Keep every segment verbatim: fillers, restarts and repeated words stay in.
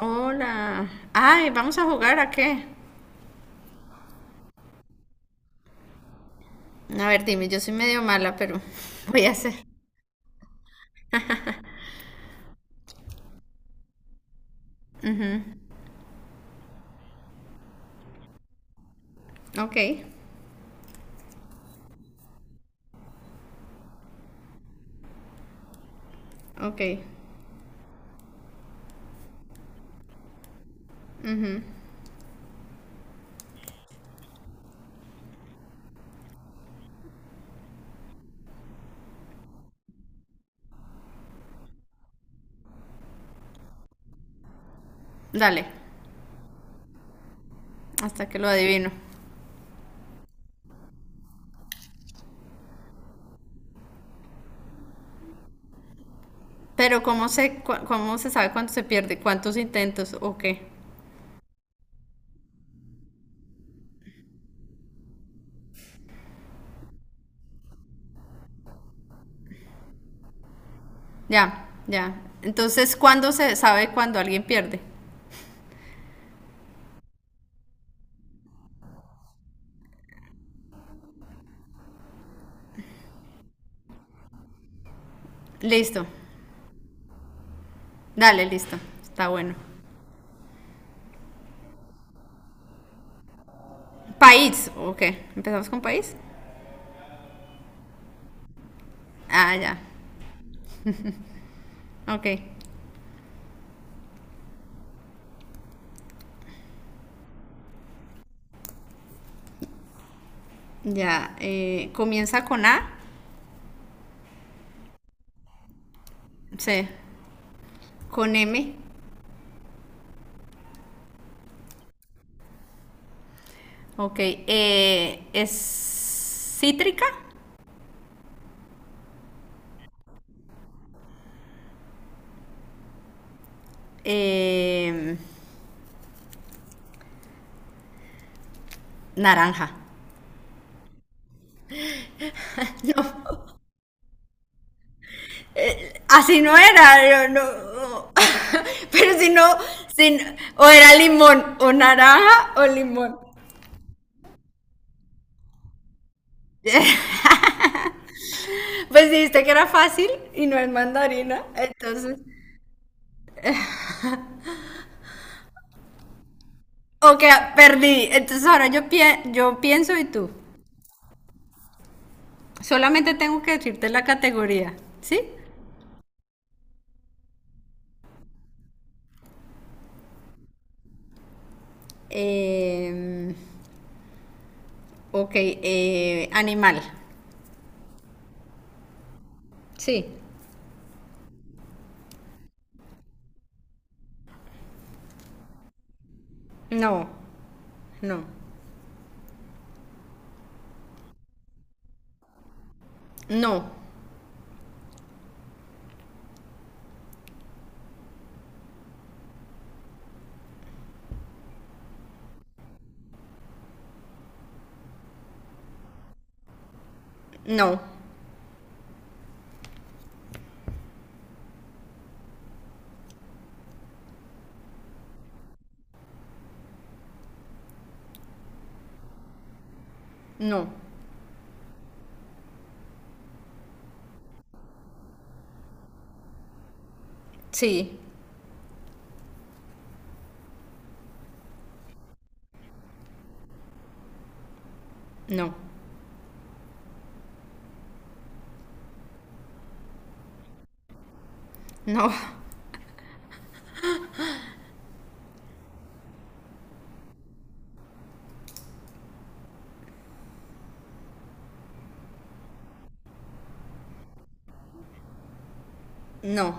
Hola. Ay, ¿vamos a jugar a qué? A ver, dime, yo soy medio mala, pero voy a hacer. Ok, ok. Dale, hasta que lo adivino. Pero ¿cómo se, cua- cómo se sabe cuándo se pierde? ¿Cuántos intentos? ¿O qué? Ya, ya. Entonces, ¿cuándo se sabe cuándo alguien pierde? Listo. Dale, listo. Está bueno. País, ok. ¿Empezamos con país? Ah, ya. Ok. Ya. eh, ¿Comienza con A? Sí. ¿Con M? Ok, eh, es cítrica, eh, naranja. Así no era, yo no- pero si no, si no- o era limón, o naranja, o limón. Pues dijiste que era fácil y no es mandarina, entonces, ok, perdí. Entonces ahora yo, pie- yo pienso y tú. Solamente tengo que decirte la categoría, ¿sí? Eh, ok, eh, animal. Sí. No. No. No. No. No. Sí. No. No. No.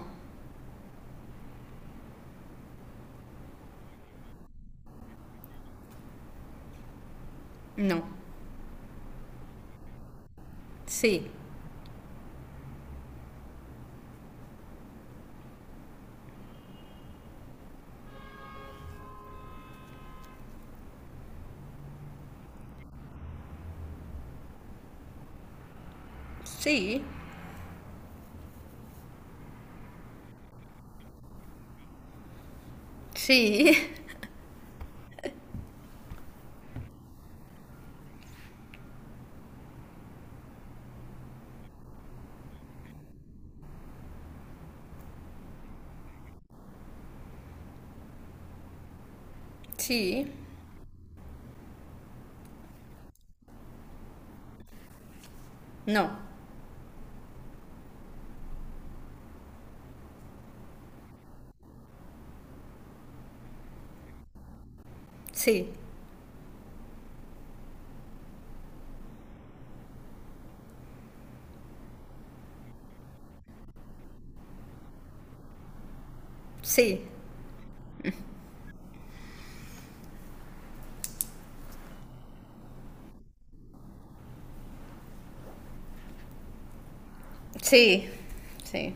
No. Sí. Sí. Sí. Sí. No. Sí. Sí. Sí. Sí.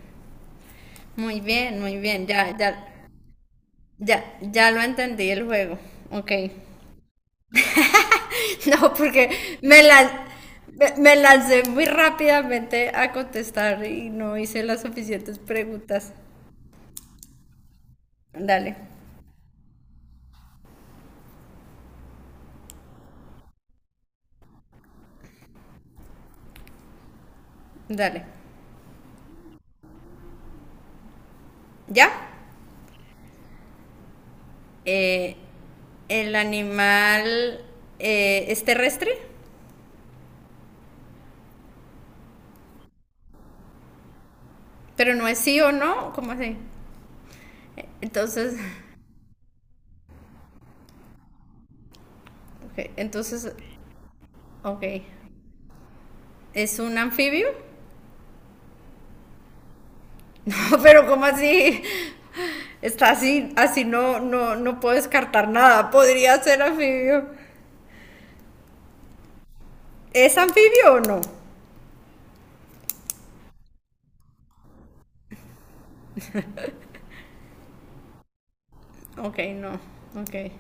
Muy bien, muy bien. Ya, ya, ya, ya lo entendí el juego. Ok. No, porque me la... Me, me lancé muy rápidamente a contestar y no hice las suficientes preguntas. Dale, dale. ¿Ya? eh, el animal eh, es terrestre, pero no es sí o no, ¿cómo así? Entonces, ok, entonces, ok, ¿es un anfibio? No, pero ¿cómo así? Está así, así no, no, no puedo descartar nada, podría ser anfibio. ¿Es anfibio o no? Ok, no, ok.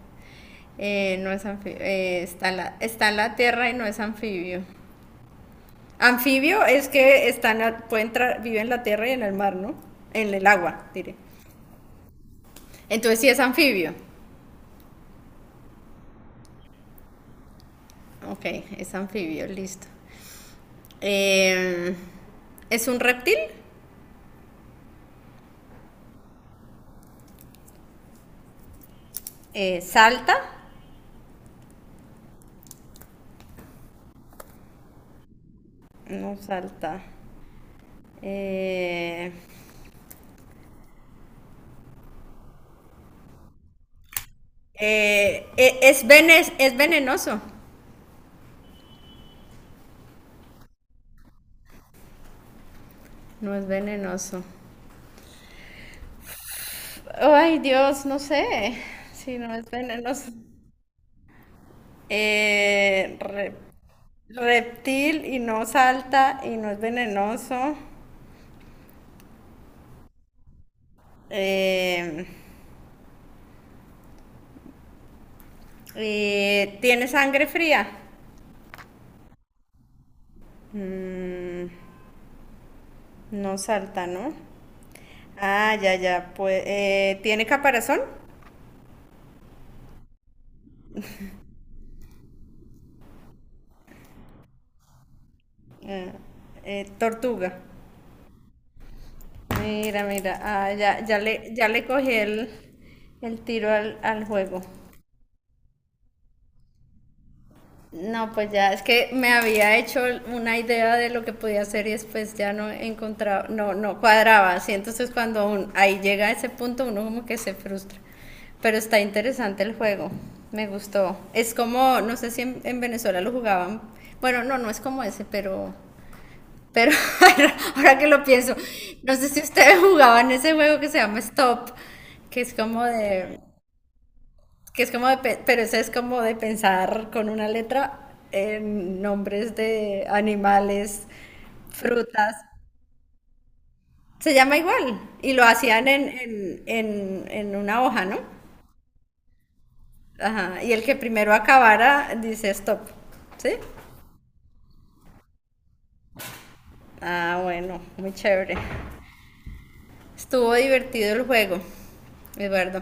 Eh, no es anfibio, eh, está, en la, está en la tierra y no es anfibio. Anfibio es que están a- pueden tra- vive en la tierra y en el mar, ¿no? En el agua, diré. Entonces sí es anfibio. Ok, es anfibio, listo. Eh, ¿Es un reptil? Eh, ¿Salta? No salta. Eh, eh, eh, ¿es, vene- ¿es venenoso? No es venenoso. Ay, Dios, no sé. Sí, no es venenoso. Eh, re- reptil y no salta y no es venenoso. Eh, eh, ¿tiene sangre fría? Mm, no salta, ¿no? Ah, ya, ya. Pues, eh, ¿tiene caparazón? Eh, eh, tortuga. Mira, mira. Ah, ya, ya le, ya le cogí el, el tiro al, al juego. No, pues ya es que me había hecho una idea de lo que podía hacer y después ya no encontraba, no, no cuadraba. Así entonces cuando un- ahí llega a ese punto uno como que se frustra. Pero está interesante el juego, me gustó. Es como, no sé si en, en Venezuela lo jugaban. Bueno, no, no es como ese, pero, pero ahora ahora que lo pienso, no sé si ustedes jugaban ese juego que se llama Stop, que es como de que es como de, pe- pero eso es como de pensar con una letra en nombres de animales, frutas. Se llama igual y lo hacían en, en, en, en una hoja, ¿no? Ajá. Y el que primero acabara dice stop. ¿Sí? Ah, bueno, muy chévere. Estuvo divertido el juego, Eduardo.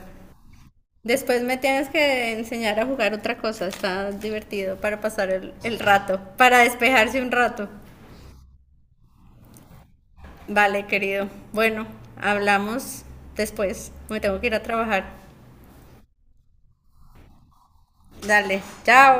Después me tienes que enseñar a jugar otra cosa, está divertido para pasar el, el rato, para despejarse un rato. Vale, querido. Bueno, hablamos después. Me tengo que ir a trabajar. Dale, chao.